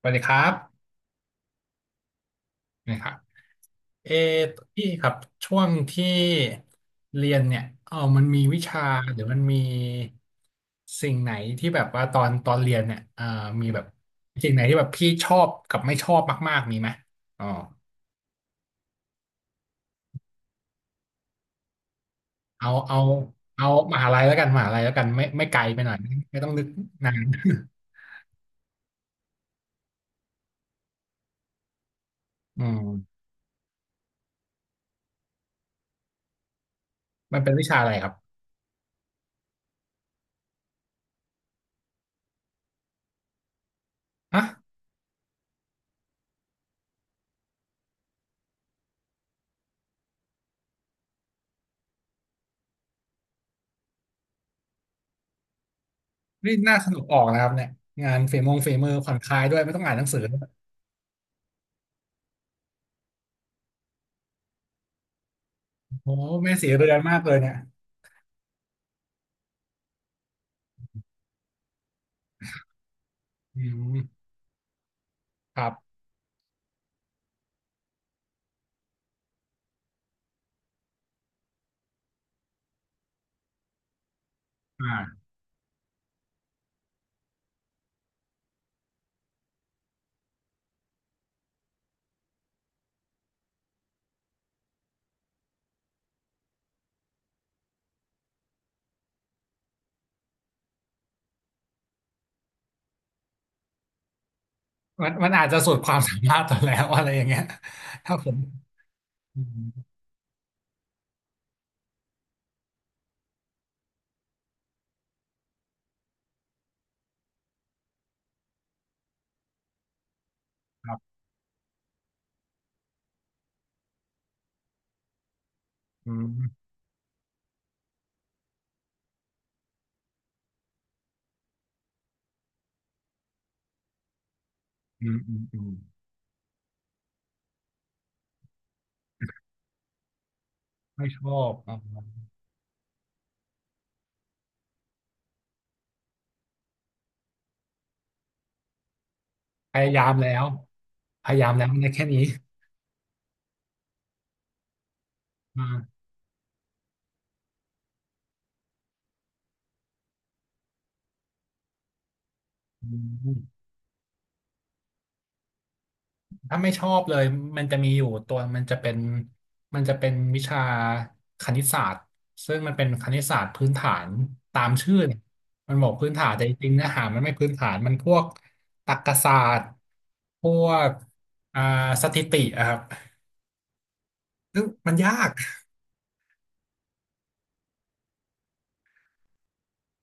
สวัสดีครับนะครับเออพี่ครับช่วงที่เรียนเนี่ยมันมีวิชาหรือมันมีสิ่งไหนที่แบบว่าตอนเรียนเนี่ยมีแบบสิ่งไหนที่แบบพี่ชอบกับไม่ชอบมากๆมีไหมอ๋อเอาเอาเอามหาลัยแล้วกันมหาลัยแล้วกันไม่ไกลไปหน่อยไม่ต้องนึกนาน อืมมันเป็นวิชาอะไรครับฮะนี่น่าสนุกออกนะครับเนี่ยงานฝีมงฝีมือผ่อนคลายด้วยไม่ต้องอ่านหนังสือด้วยโอ้โหแม่สีเรือนมากเลยเนี่ย อืมครับอ่ามันอาจจะสุดความสามารถตอนแล้วอะไรอย่างเงี้ยถ้าผมอืมครับอืมอืมอืมอืมไม่ชอบอ่าพยายามแล้ว พยายามแล้วมันได้แค่นี้อาอืม ถ้าไม่ชอบเลยมันจะมีอยู่ตัวมันจะเป็นวิชาคณิตศาสตร์ซึ่งมันเป็นคณิตศาสตร์พื้นฐานตามชื่อเนี่ยมันบอกพื้นฐานแต่จริงๆเนื้อหามันไม่พื้นฐานมันพวกตรรกศาสตร์พวกอ่าสถิติอะครับซึ่งมันยาก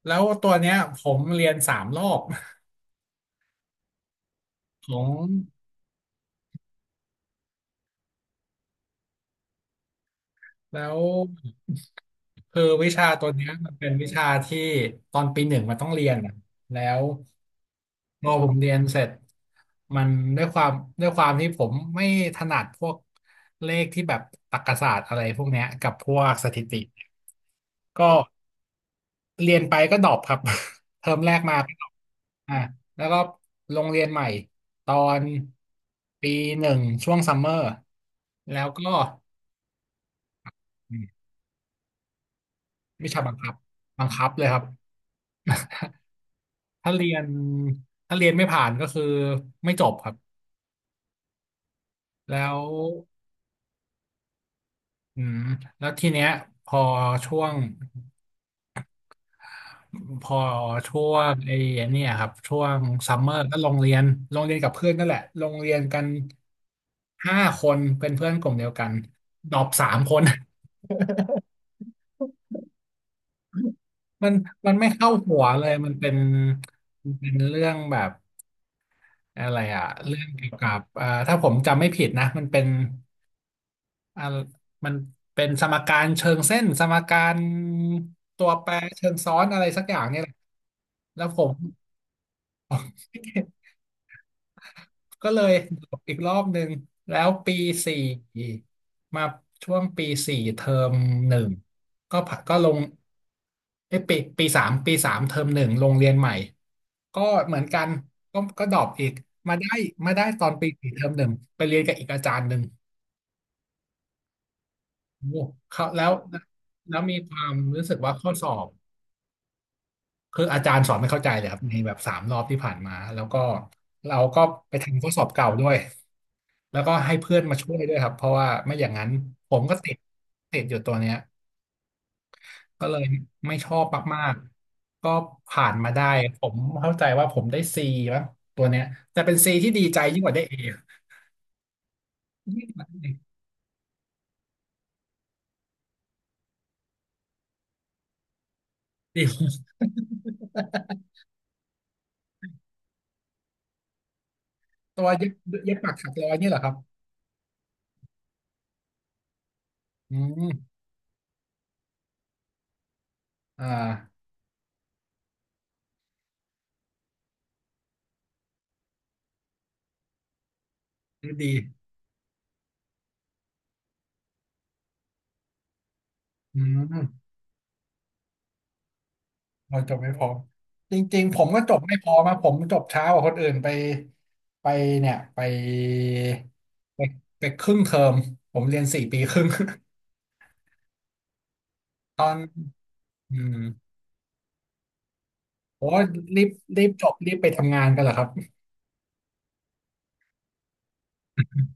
แล้วตัวเนี้ยผมเรียนสามรอบของ แล้วคือวิชาตัวเนี้ยมันเป็นวิชาที่ตอนปีหนึ่งมันต้องเรียนอะแล้วพอผมเรียนเสร็จมันด้วยความด้วยความที่ผมไม่ถนัดพวกเลขที่แบบตรรกศาสตร์อะไรพวกเนี้ยกับพวกสถิติก็เรียนไปก็ดรอปครับ เทอมแรกมาก็ดรอปอ่ะแล้วก็ลงเรียนใหม่ตอนปีหนึ่งช่วงซัมเมอร์แล้วก็อืมวิชาบังคับเลยครับ ถ้าเรียนถ้าเรียนไม่ผ่านก็คือไม่จบครับแล้วอืมแล้วทีเนี้ยพอช่วงพอช่วงไอ้เนี่ยครับช่วงซัมเมอร์ก็ลงเรียนกับเพื่อนนั่นแหละลงเรียนกันห้าคนเป็นเพื่อนกลุ่มเดียวกันดรอปสามคน มันมันไม่เข้าหัวเลยมันเป็นเรื่องแบบอะไรอะเรื่องเกี่ยวกับถ้าผมจำไม่ผิดนะมันเป็น อ่ามันเป็นสมการเชิงเส้นสมการตัวแปรเชิงซ้อนอะไรสักอย่างเนี่ยแหละแล้วผม ก็เลยดรอปอีกรอบหนึ่งแล้วปีสี่มาช่วงปีสี่เทอมหนึ่งก็ผ่าก็ลงเอ้ยปีสามปีสามเทอมหนึ่งลงเรียนใหม่ก็เหมือนกันก็ดรอปอีกมาได้ตอนปีสี่เทอมหนึ่งไปเรียนกับอีกอาจารย์หนึ่งโอ้เขาแล้วแล้วมีความรู้สึกว่าข้อสอบ คืออาจารย์สอนไม่เข้าใจเลยครับในแบบสามรอบที่ผ่านมาแล้วก็เราก็ไปทำข้อสอบเก่าด้วยแล้วก็ให้เพื่อนมาช่วยด้วยครับเพราะว่าไม่อย่างนั้นผมก็ติดอยู่ตัวเนี้ยก็เลยไม่ชอบมากๆก็ผ่านมาได้ผมเข้าใจว่าผมได้ C มั้งตัวเนี้ยแต่เป็น C ที่ดีใจยิ่งกว่าได้ A ยิ่งกว่าได้ A ตัวเย็บเย็บปักถักร้อยนี่เหรอครับอืมอ่าดีอืม เราจบไม่พร้อมจริงๆผมก็จบไม่พร้อมาผมจบช้ากว่าคนอื่นไปไปเนี่ยไปไปไปครึ่งเทอมผมเรียนสี่ปีครึ่ง ตอนอืมโอ้รีบรีบจบรีบไปทำงานกันเหรอครับ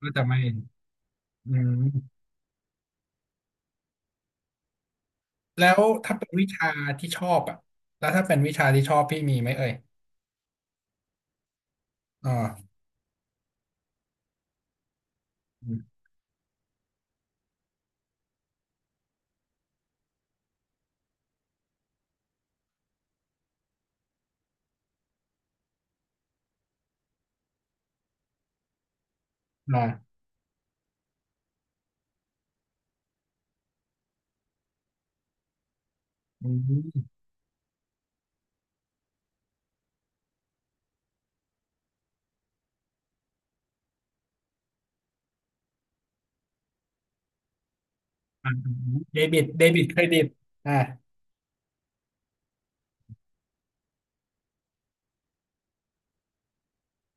ก็จะไม่อืมแล้วถ้าเป็นวิชาที่ชอบอ่ะแล้วถ้าเป็นวิชาที่ชอบพี่มีไหมเอ่ยอ่าอมอ่าอืมเดบิตเครดิตอ่า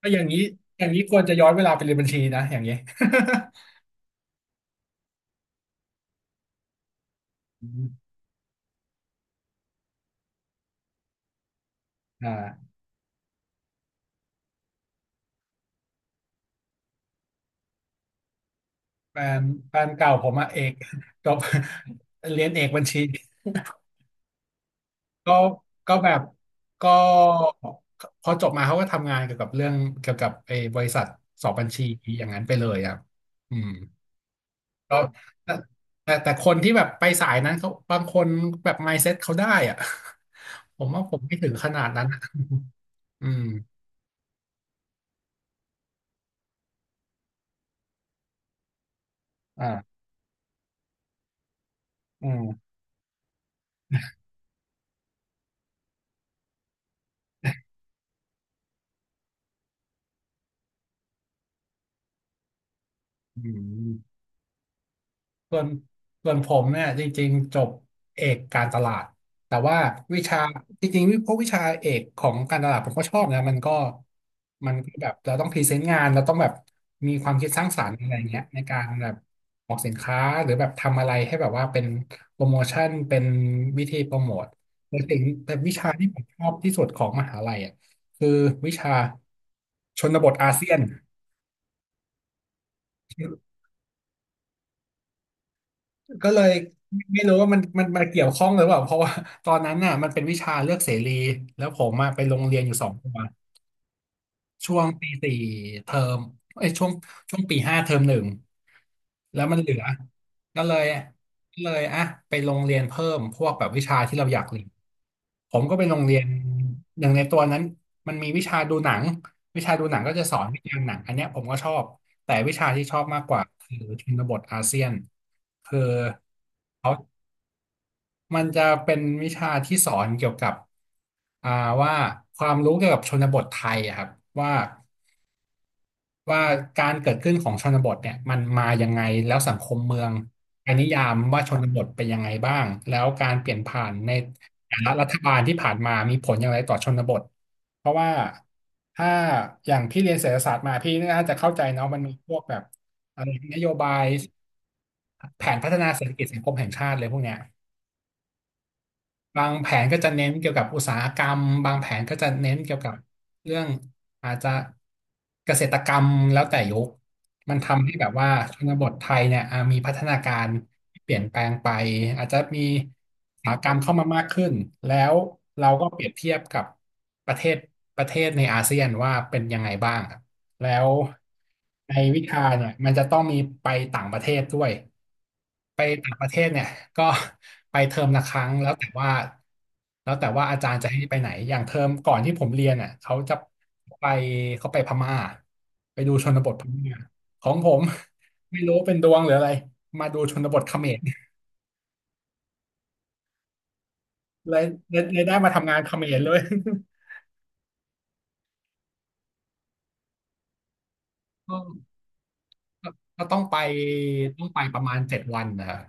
ถ้าอย่างนี้อย่างนี้ควรจะย้อนเวลาไปเรียนบัญชีนะอย่างนี้ อ่าแฟนแฟนเก่าผมอะเอกจบ เรียนเอกบัญชีก็ก็แบบก็พอจบมาเขาก็ทำงานเกี่ยวกับเรื่องเกี่ยวกับไอ้บริษัทสอบบัญชีอย่างนั้นไปเลยอะอืมก็แต่คนที่แบบไปสายนั้นเขาบางคนแบบ mindset เขาได้อะ ผมว่าผมไม่ถึงขนาดนั้นอะ อืมอ่าอืมอืม ส่วนส่วนผมเนี่ยจริงๆจบเอกการตลาดแต่ว่าวิชาจริงๆพวกวิชาเอกของการตลาดผมก็ชอบนะมันก็แบบเราต้องพรีเซนต์งานเราต้องแบบมีความคิดสร้างสรรค์อะไรเงี้ยในการแบบออกสินค้าหรือแบบทำอะไรให้แบบว่าเป็นโปรโมชั่นเป็นวิธีโปรโมทแต่วิชาที่ผมชอบที่สุดของมหาลัยอ่ะคือวิชาชนบทอาเซียน ก็เลยไม่รู้ว่ามันมาเกี่ยวข้องหรือเปล่าเพราะว่าตอนนั้นน่ะมันเป็นวิชาเลือกเสรีแล้วผมมาไปโรงเรียนอยู่2 ตัวช่วงปี 4เทอมเอ้ยช่วงช่วงปี 5 เทอม 1แล้วมันเหลือก็เลยก็เลยไปโรงเรียนเพิ่มพวกแบบวิชาที่เราอยากเรียนผมก็ไปโรงเรียนหนึ่งในตัวนั้นมันมีวิชาดูหนังวิชาดูหนังก็จะสอนวิจารณ์หนังอันเนี้ยผมก็ชอบแต่วิชาที่ชอบมากกว่าคือชนบทอาเซียนคือเขา มันจะเป็นวิชาที่สอนเกี่ยวกับอ่าว่าความรู้เกี่ยวกับชนบทไทยอะครับว่าว่าการเกิดขึ้นของชนบทเนี่ยมันมายังไงแล้วสังคมเมืองใครนิยามว่าชนบทเป็นยังไงบ้างแล้วการเปลี่ยนผ่านในแต่ละรัฐบาลที่ผ่านมามีผลอย่างไรต่อชนบทเพราะว่าถ้าอย่างพี่เรียนเศรษฐศาสตร์มาพี่น่าจะเข้าใจเนาะมันมีพวกแบบอะไรนโยบายแผนพัฒนาเศรษฐกิจสังคมแห่งชาติเลยพวกเนี้ย บางแผนก็จะเน้นเกี่ยวกับอุตสาหกรรมบางแผนก็จะเน้นเกี่ยวกับเรื่องอาจจะเกษตรกรรมแล้วแต่ยุค มันทำให้แบบว่าชนบทไทยเนี่ยอ่ะมีพัฒนาการที่เปลี่ยนแปลงไปอาจจะมีอุตสาหกรรมเข้ามามากขึ้นแล้วเราก็เปรียบเทียบกับประเทศประเทศในอาเซียนว่าเป็นยังไงบ้างครับแล้วในวิชาเนี่ยมันจะต้องมีไปต่างประเทศด้วยไปต่างประเทศเนี่ยก็ ไปเทอมละครั้งแล้วแต่ว่าอาจารย์จะให้ไปไหนอย่างเทอมก่อนที่ผมเรียนอ่ะเขาจะไปเขาไปพม่าไปดูชนบทพม่า ของผม ไม่รู้เป็นดวงหรืออะไรมาดูชนบทเขมรเลยเลยได้มาทำงานเขมรเลย ก็ก็ก็ต้องไปประมาณ7 วันนะครับ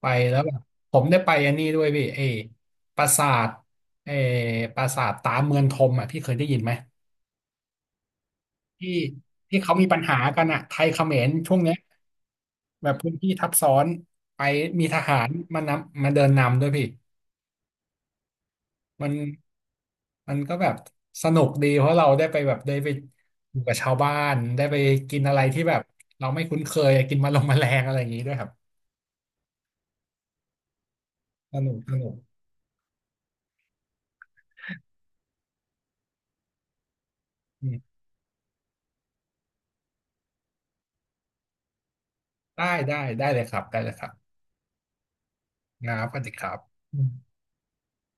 ไปแล้วแบบผมได้ไปอันนี้ด้วยพี่เอปราสาทเอปราสาทตาเมืองธมอ่ะพี่เคยได้ยินไหมที่ที่เขามีปัญหากันอ่ะไทยเขมรช่วงเนี้ยแบบพื้นที่ทับซ้อนไปมีทหารมานำมาเดินนำด้วยพี่ มันมันก็แบบสนุกดีเพราะเราได้ไปแบบได้ไปอยู่กับชาวบ้านได้ไปกินอะไรที่แบบเราไม่คุ้นเคยกินมาลงแมลงอะไรอย่างนี้ด้วยครับสนุกสนุกอืมได้ได้ได้เลยครับได้เลยครับงาสวัสดีครับ